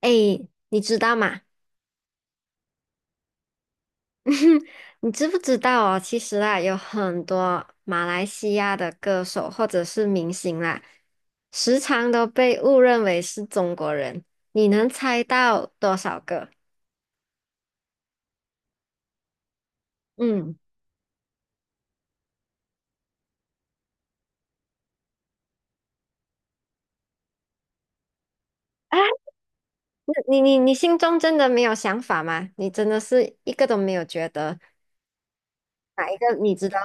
哎，你知道吗？你知不知道哦？其实啊，有很多马来西亚的歌手或者是明星啦，时常都被误认为是中国人。你能猜到多少个？嗯，啊，你心中真的没有想法吗？你真的是一个都没有觉得哪一个你知道？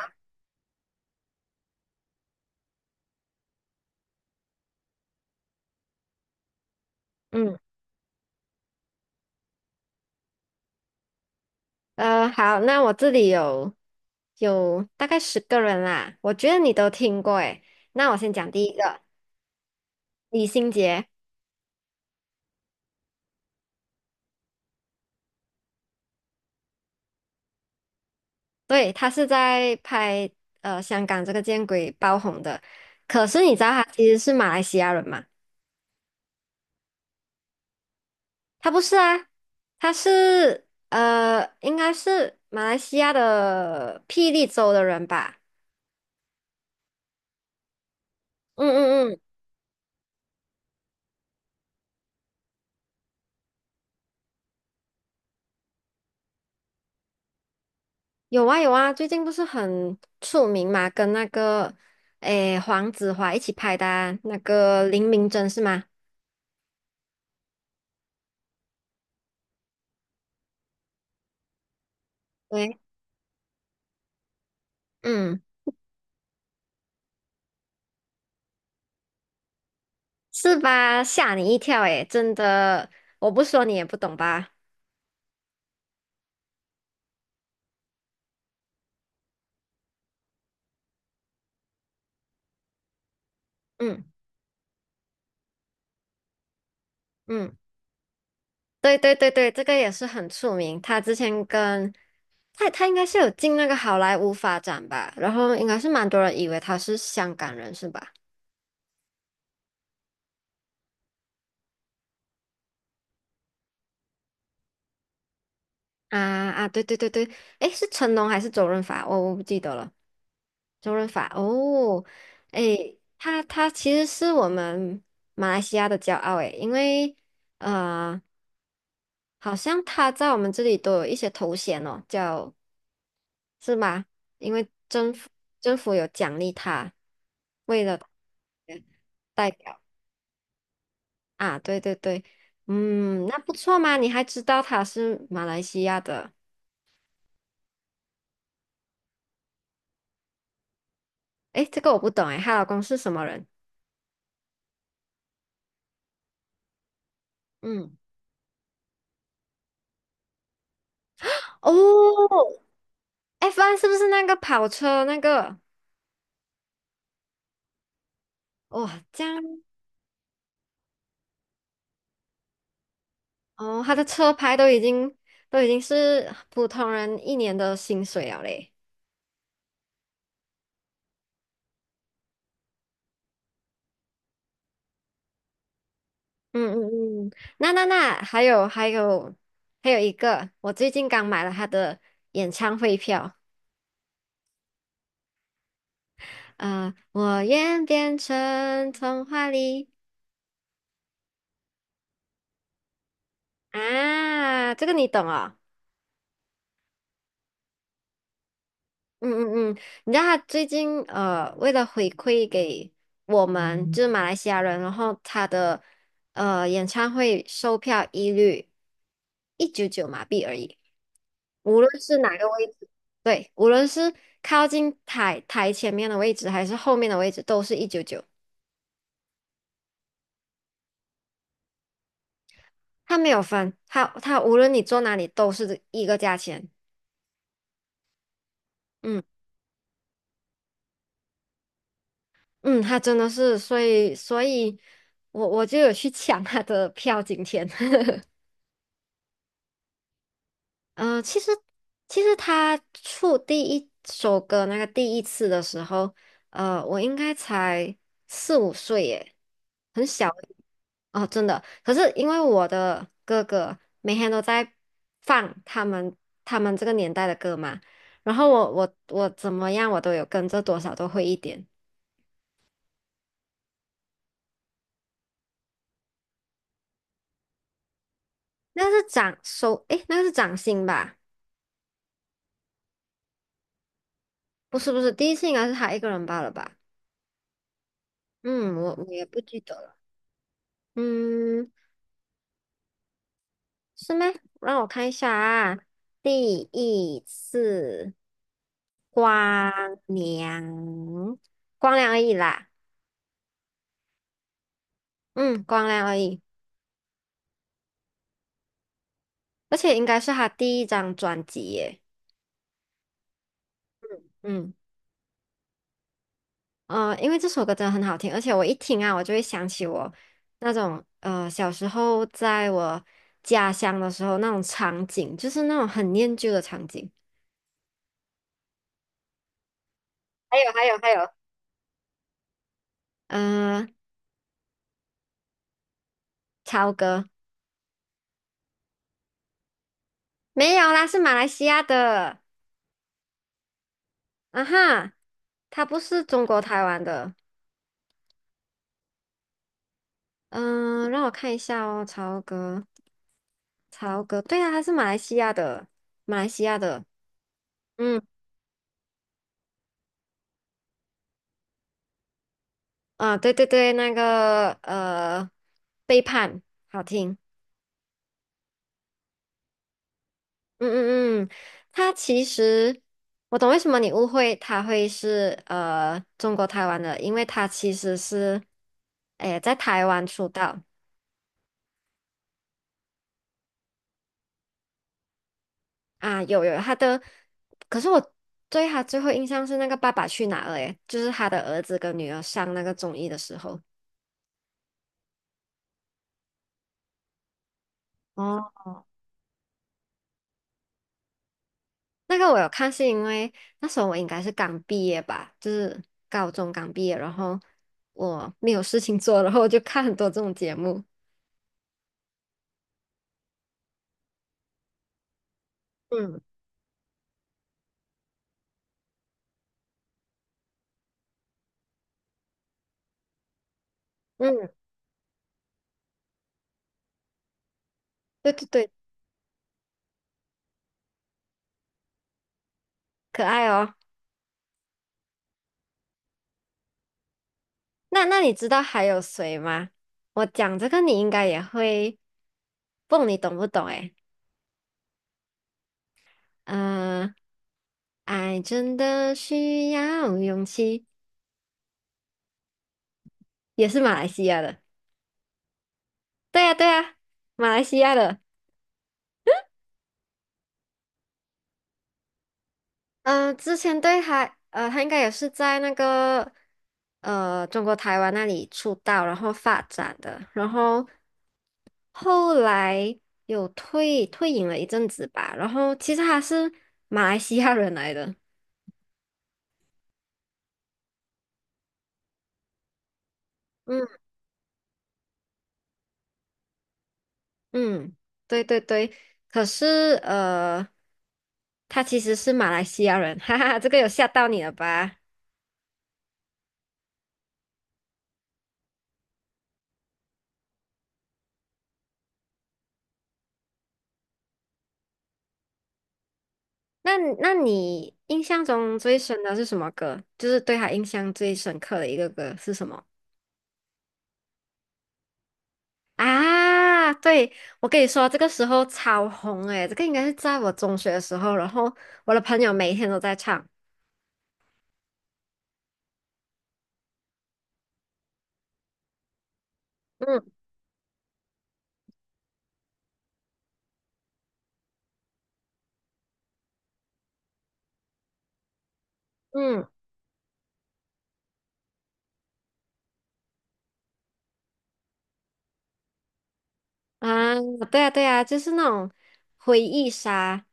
嗯，好，那我这里有大概十个人啦，我觉得你都听过诶。那我先讲第一个，李心洁。对，他是在拍香港这个见鬼爆红的，可是你知道他其实是马来西亚人吗？他不是啊，他是应该是马来西亚的霹雳州的人吧？嗯嗯嗯，有啊有啊，最近不是很出名嘛，跟那个诶黄子华一起拍的啊那个林明珍是吗？对，嗯，是吧？吓你一跳诶，真的，我不说你也不懂吧？嗯嗯。对对对对，这个也是很出名。他之前跟他应该是有进那个好莱坞发展吧，然后应该是蛮多人以为他是香港人是吧？啊啊，对对对对，诶，是成龙还是周润发？我不记得了。周润发哦，诶，他其实是我们马来西亚的骄傲诶，因为呃，好像他在我们这里都有一些头衔哦，叫是吗？因为政府有奖励他，为了代表啊，对对对，嗯，那不错嘛，你还知道他是马来西亚的，诶，这个我不懂诶，她老公是什么人？嗯，哦，F1 是不是那个跑车那个？哇，这样哦，他的车牌都已经是普通人一年的薪水了嘞。嗯嗯嗯，那还有还有一个，我最近刚买了他的演唱会票，我愿变成童话里啊，这个你懂哦。嗯嗯嗯，你知道他最近为了回馈给我们就是马来西亚人，然后他的演唱会售票一律一九九马币而已。无论是哪个位置，对，无论是靠近台前面的位置还是后面的位置，都是一九九，他没有分，他无论你坐哪里都是一个价钱。嗯嗯，他真的是，所以我就有去抢他的票，今天。其实,其实他出第一首歌那个第一次的时候，我应该才四五岁耶，很小哦，真的。可是因为我的哥哥每天都在放他们这个年代的歌嘛，然后我怎么样我都有跟着多少都会一点。那个是掌手，诶，那个是掌心吧？不是，第一次应该是他一个人罢了吧？嗯，我也不记得了。嗯，是吗？让我看一下啊，第一次光良，光良而已啦，嗯，光良而已，而且应该是他第一张专辑耶，嗯，因为这首歌真的很好听，而且我一听啊，我就会想起我那种小时候在我家乡的时候那种场景，就是那种很念旧的场景。还有，呃，超哥没有啦，是马来西亚的。啊哈，他不是中国台湾的。嗯，让我看一下哦，曹格，曹格，对啊，他是马来西亚的，马来西亚的。嗯，啊，对对对，背叛，好听。嗯嗯嗯，他其实我懂为什么你误会他会是中国台湾的，因为他其实是，哎，在台湾出道。啊，有他的，可是我对他最后印象是那个《爸爸去哪儿》诶，就是他的儿子跟女儿上那个综艺的时候，哦，那个我有看，是因为那时候我应该是刚毕业吧，就是高中刚毕业，然后我没有事情做，然后我就看很多这种节目。嗯嗯，对对对，可爱哦。那你知道还有谁吗？我讲这个你应该也会，不，你懂不懂？诶。呃，爱真的需要勇气，也是马来西亚的。对呀，对呀，马来西亚的。嗯、之前对他，他应该也是在那个中国台湾那里出道，然后发展的，然后后来有退隐了一阵子吧。然后其实他是马来西亚人来的。嗯。嗯，对对对，可是呃，他其实是马来西亚人，哈哈，这个有吓到你了吧？那那你印象中最深的是什么歌？就是对他印象最深刻的一个歌是什么？啊，对，我跟你说，这个时候超红诶，这个应该是在我中学的时候，然后我的朋友每一天都在唱。嗯嗯啊，对啊对啊，就是那种回忆杀。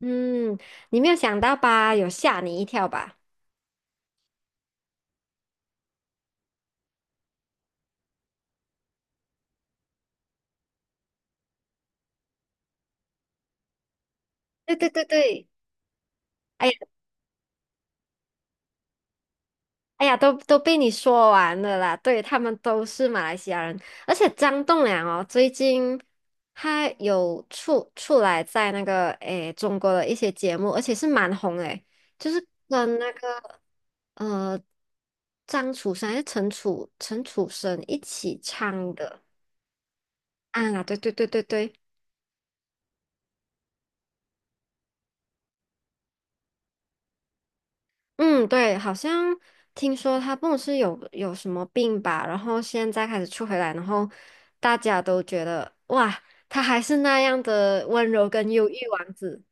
嗯，你没有想到吧？有吓你一跳吧？对对对对，哎呀哎呀，都被你说完了啦。对，他们都是马来西亚人，而且张栋梁哦，最近他有出来在那个诶中国的一些节目，而且是蛮红诶，就是跟那个呃张楚生还是陈楚生一起唱的啊，对对对对对。嗯，对，好像听说他不是有什么病吧，然后现在开始出回来，然后大家都觉得哇，他还是那样的温柔跟忧郁王子。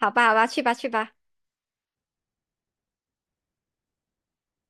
好吧，好吧，去吧，去吧。